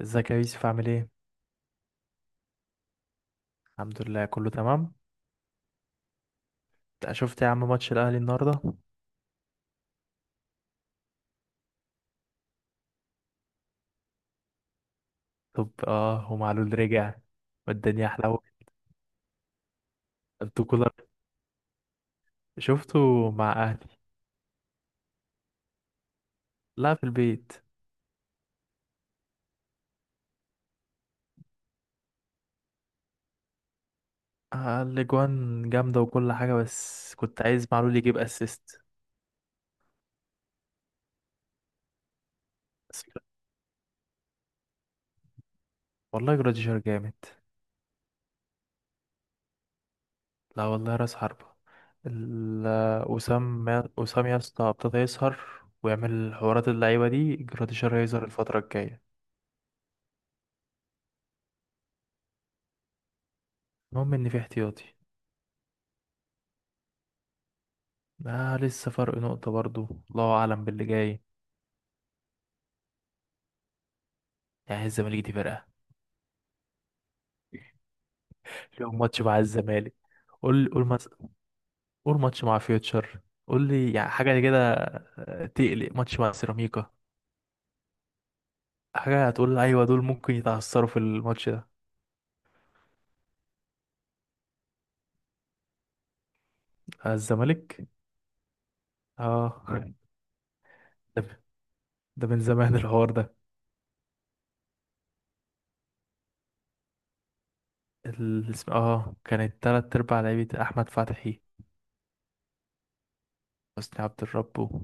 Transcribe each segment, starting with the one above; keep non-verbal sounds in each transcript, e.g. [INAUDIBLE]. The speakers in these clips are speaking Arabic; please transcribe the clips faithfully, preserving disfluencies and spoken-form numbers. ازيك يا يوسف عامل ايه؟ الحمد لله كله تمام. انت شفت يا عم ماتش الاهلي النهارده؟ طب اه ومعلول رجع والدنيا احلى أوي. انتوا كولر شفتوا مع اهلي؟ لا في البيت. آه الاجوان جامده وكل حاجه، بس كنت عايز معلول يجيب اسيست. بس والله جراديشار جامد. لا والله راس حربه. ال- وسام، وسام يا اسطى ابتدى يسهر ويعمل حوارات، اللعيبه دي جراديشار هيظهر الفتره الجايه. المهم ان في احتياطي. آه لسه فرق نقطة برضو، الله أعلم باللي جاي. يعني الزمالك دي فرقة؟ لو ماتش مع الزمالك، قول قول مس... قول ماتش مع فيوتشر، قول لي يعني حاجة كده. آه، تقلق ماتش مع سيراميكا، حاجة هتقول أيوة دول ممكن يتعثروا في الماتش ده. آه، الزمالك. اه. ده, ده من زمان [LAUGHS] الحوار ده. ال- اسم- اه كانت تلات أرباع لعيبة أحمد فتحي، حسني عبد الرب و-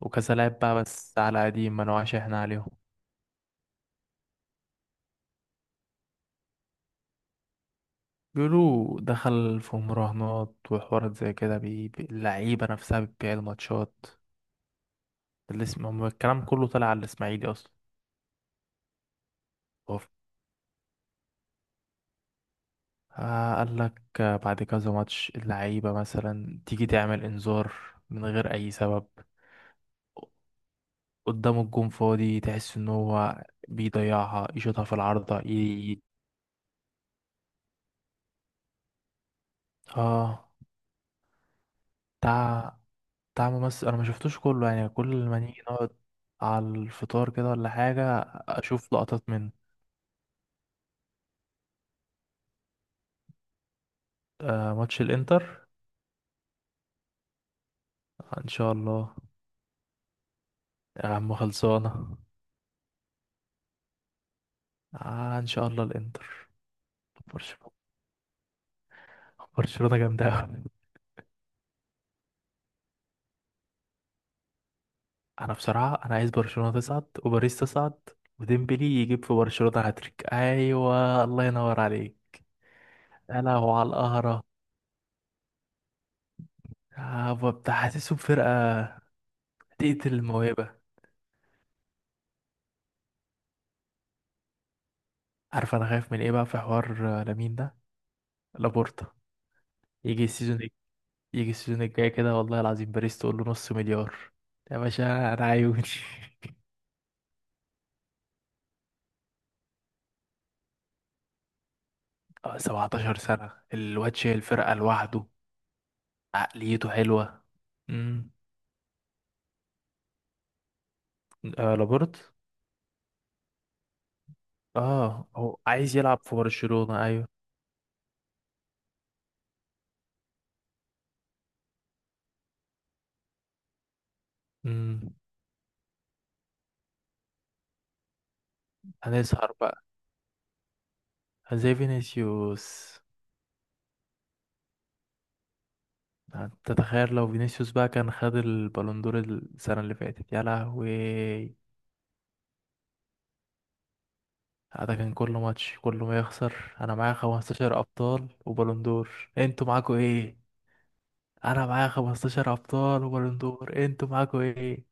وكذا لاعب بقى، بس على قديم ما نوعش احنا عليهم. بيقولوا دخل في مراهنات وحوارات زي كده، بي... بي- اللعيبة نفسها بتبيع الماتشات. الاسم... الكلام كله طلع على الإسماعيلي أصلا. هو ف- آه قال لك بعد كذا ماتش اللعيبة مثلا تيجي تعمل إنذار من غير أي سبب، قدام الجون فاضي تحس إن هو بيضيعها يشوطها في العارضة ي... آه. بتاع بتاع ممثل أنا ما شفتوش كله، يعني كل ما نيجي نقعد على الفطار كده ولا حاجة أشوف لقطات منه. آه ماتش الانتر. آه، ان شاء الله. يا عم خلصانه. آه ان شاء الله الانتر. برشلونه، برشلونه جامده أوي. انا بصراحه انا عايز برشلونه تصعد وباريس تصعد، وديمبلي يجيب في برشلونه هاتريك، ايوه الله ينور عليك. يا لهوي على القهره. آه بتاع حاسسهم فرقه تقتل الموهبه. عارف انا خايف من ايه بقى في حوار؟ آه، لامين ده، لابورتا يجي السيزون، يجي السيزون الجاي كده والله العظيم باريس تقول له نص مليار، يا باشا انا عيوني. [LAUGHS] آه، سبعتاشر سنة الواد شايل الفرقة لوحده. عقليته حلوة. امم. آه لابورت، اه هو عايز يلعب في برشلونة ايوه. امم. هنسهر بقى زي فينيسيوس. تتخيل لو فينيسيوس بقى كان خد البالون دور السنة اللي فاتت؟ يا لهوي. ده كان كل ماتش كل ما يخسر، انا معايا خمستاشر ابطال وبالون دور، انتوا معاكوا ايه؟ انا معايا خمستاشر ابطال وبالون دور، انتوا معاكوا ايه؟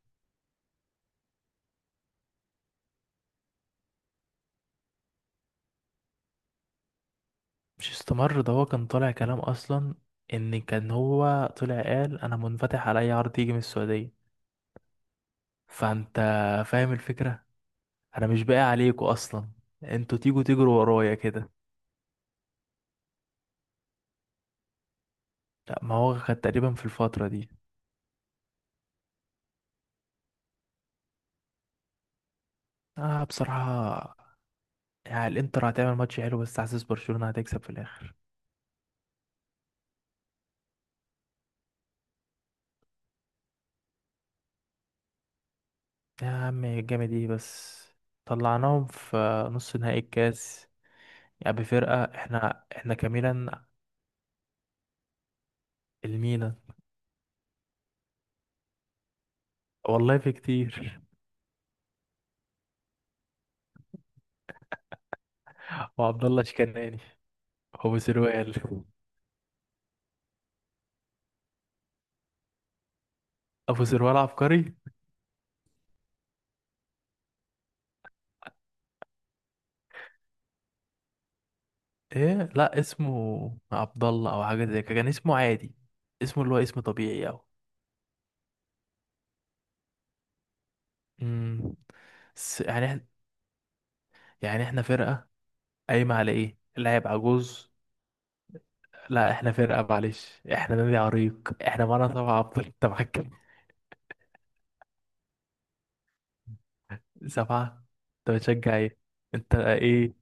مش استمر، ده هو كان طالع كلام اصلا. ان كان هو طلع قال انا منفتح على اي عرض يجي من السعوديه، فانت فاهم الفكره. انا مش باقي عليكم اصلا، انتوا تيجوا تجروا ورايا كده. لا ما هو كان تقريبا في الفتره دي. اه بصراحه يعني الانتر هتعمل ماتش حلو، بس حاسس برشلونه هتكسب في الاخر. يا عم الجامد ايه بس؟ طلعناهم في نص نهائي الكاس، يعني بفرقه احنا احنا كميلا. الميلان. والله في كتير. [LAUGHS] وعبد الله شكناني، ابو سروال. ابو سروال عبقري. ايه لا اسمه عبد الله او حاجه زي كده، كان اسمه عادي، اسمه اللي هو اسم طبيعي او امم. بس يعني احنا، يعني احنا فرقه قايمه على ايه؟ لاعب عجوز. لا احنا فرقه معلش، احنا نادي عريق، احنا معانا سبعه افضل، انت معاك كام؟ سبعه. انت بتشجع ايه؟ انت ايه؟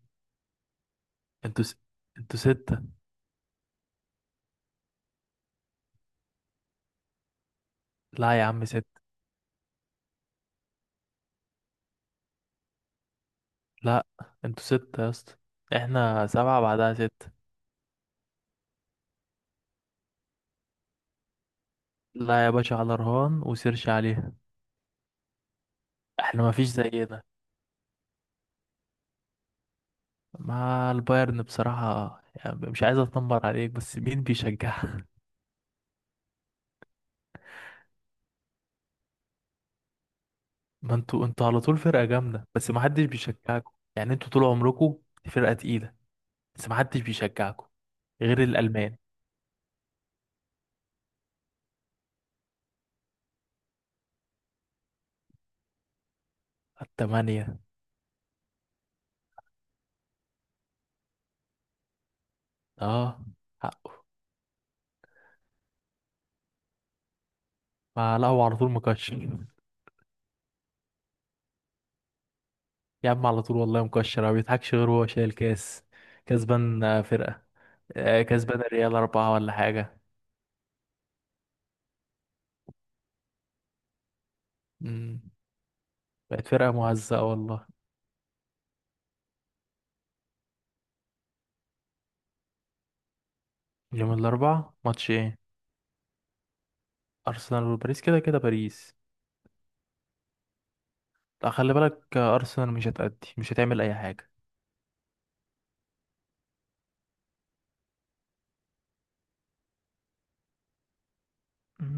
انتوا س... انتوا سته. لا يا عم سته. لا انتوا سته يا اسطى، احنا سبعه بعدها سته. لا يا باشا على رهان وسيرش عليها. احنا ما فيش زي ده، مع البايرن بصراحة يعني مش عايز اتنمر عليك، بس مين بيشجعها؟ [LAUGHS] ما انتوا انتوا على طول فرقة جامدة، بس ما حدش بيشجعكم، يعني انتوا طول عمركم فرقة تقيلة، بس ما حدش بيشجعكم غير الألمان. التمانية. اه حقه. ما لا هو على طول مكشر. يا عم على طول والله مكشر، ما بيضحكش غير وهو شايل كاس. كسبان، آه، فرقة، آه، كسبان الريال أربعة ولا حاجة. مم. بقت فرقة مهزأة والله. يوم الأربعاء ماتش ايه؟ ارسنال وباريس، كده كده باريس. لا خلي بالك، آه، ارسنال مش هتأدي، مش هتعمل اي حاجه.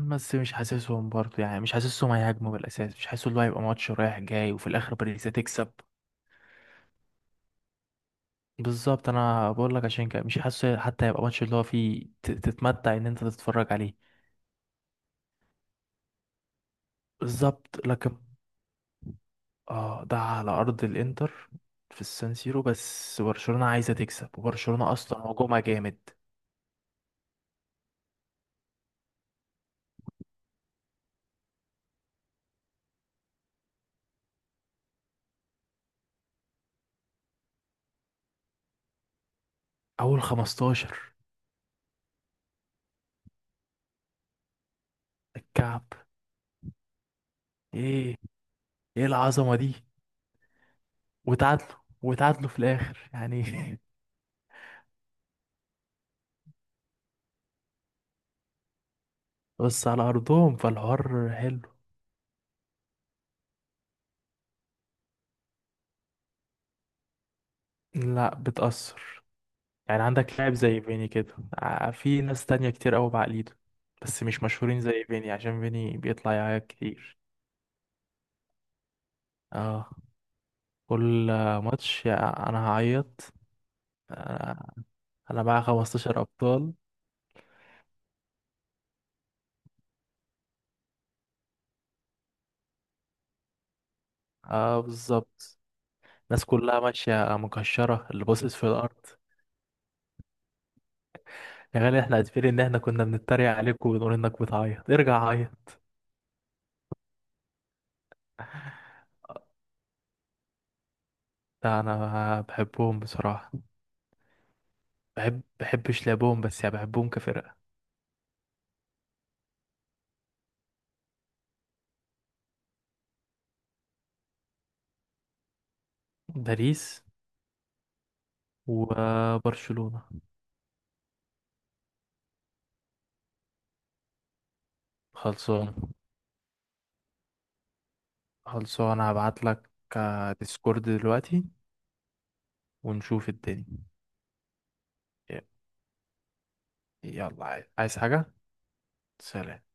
بس مش حاسسهم برضه، يعني مش حاسسهم هيهاجموا بالاساس، مش حاسس اللي هو هيبقى ماتش رايح جاي، وفي الاخر باريس هتكسب. بالظبط انا بقول لك عشان كده مش حاسه حتى هيبقى ماتش اللي هو فيه ت- تتمتع ان انت تتفرج عليه. بالظبط لكن اه ده على ارض الانتر، في السان سيرو، بس برشلونه عايزه تكسب، وبرشلونه اصلا هجومها جامد. اول خمستاشر. الكعب. ايه، ايه العظمه دي؟ وتعادلوا وتعادلوا في الاخر يعني. [LAUGHS] بس على ارضهم فالحوار حلو. لا بتأثر، يعني عندك لاعب زي فيني كده، ع- في ناس تانية كتير قوي بعقليته، بس مش مشهورين زي فيني، عشان فيني بيطلع يعيط كتير. اه كل ماتش يا- انا هعيط. انا أنا معايا خمستاشر ابطال. اه بالظبط. الناس كلها ماشية مكشرة، اللي باصص في الارض. يا غالي احنا عارفين ان احنا كنا بنتريق عليك ونقول انك بتعيط، ارجع عيط. لا انا بحبهم بصراحة. بحب بحبش لعبهم، بس يعني بحبهم كفرقة. باريس وبرشلونة. خلصان. خلصان هبعت لك ديسكورد دلوقتي، ونشوف الدنيا. ي- يلا، عايز عايز حاجة؟ سلام.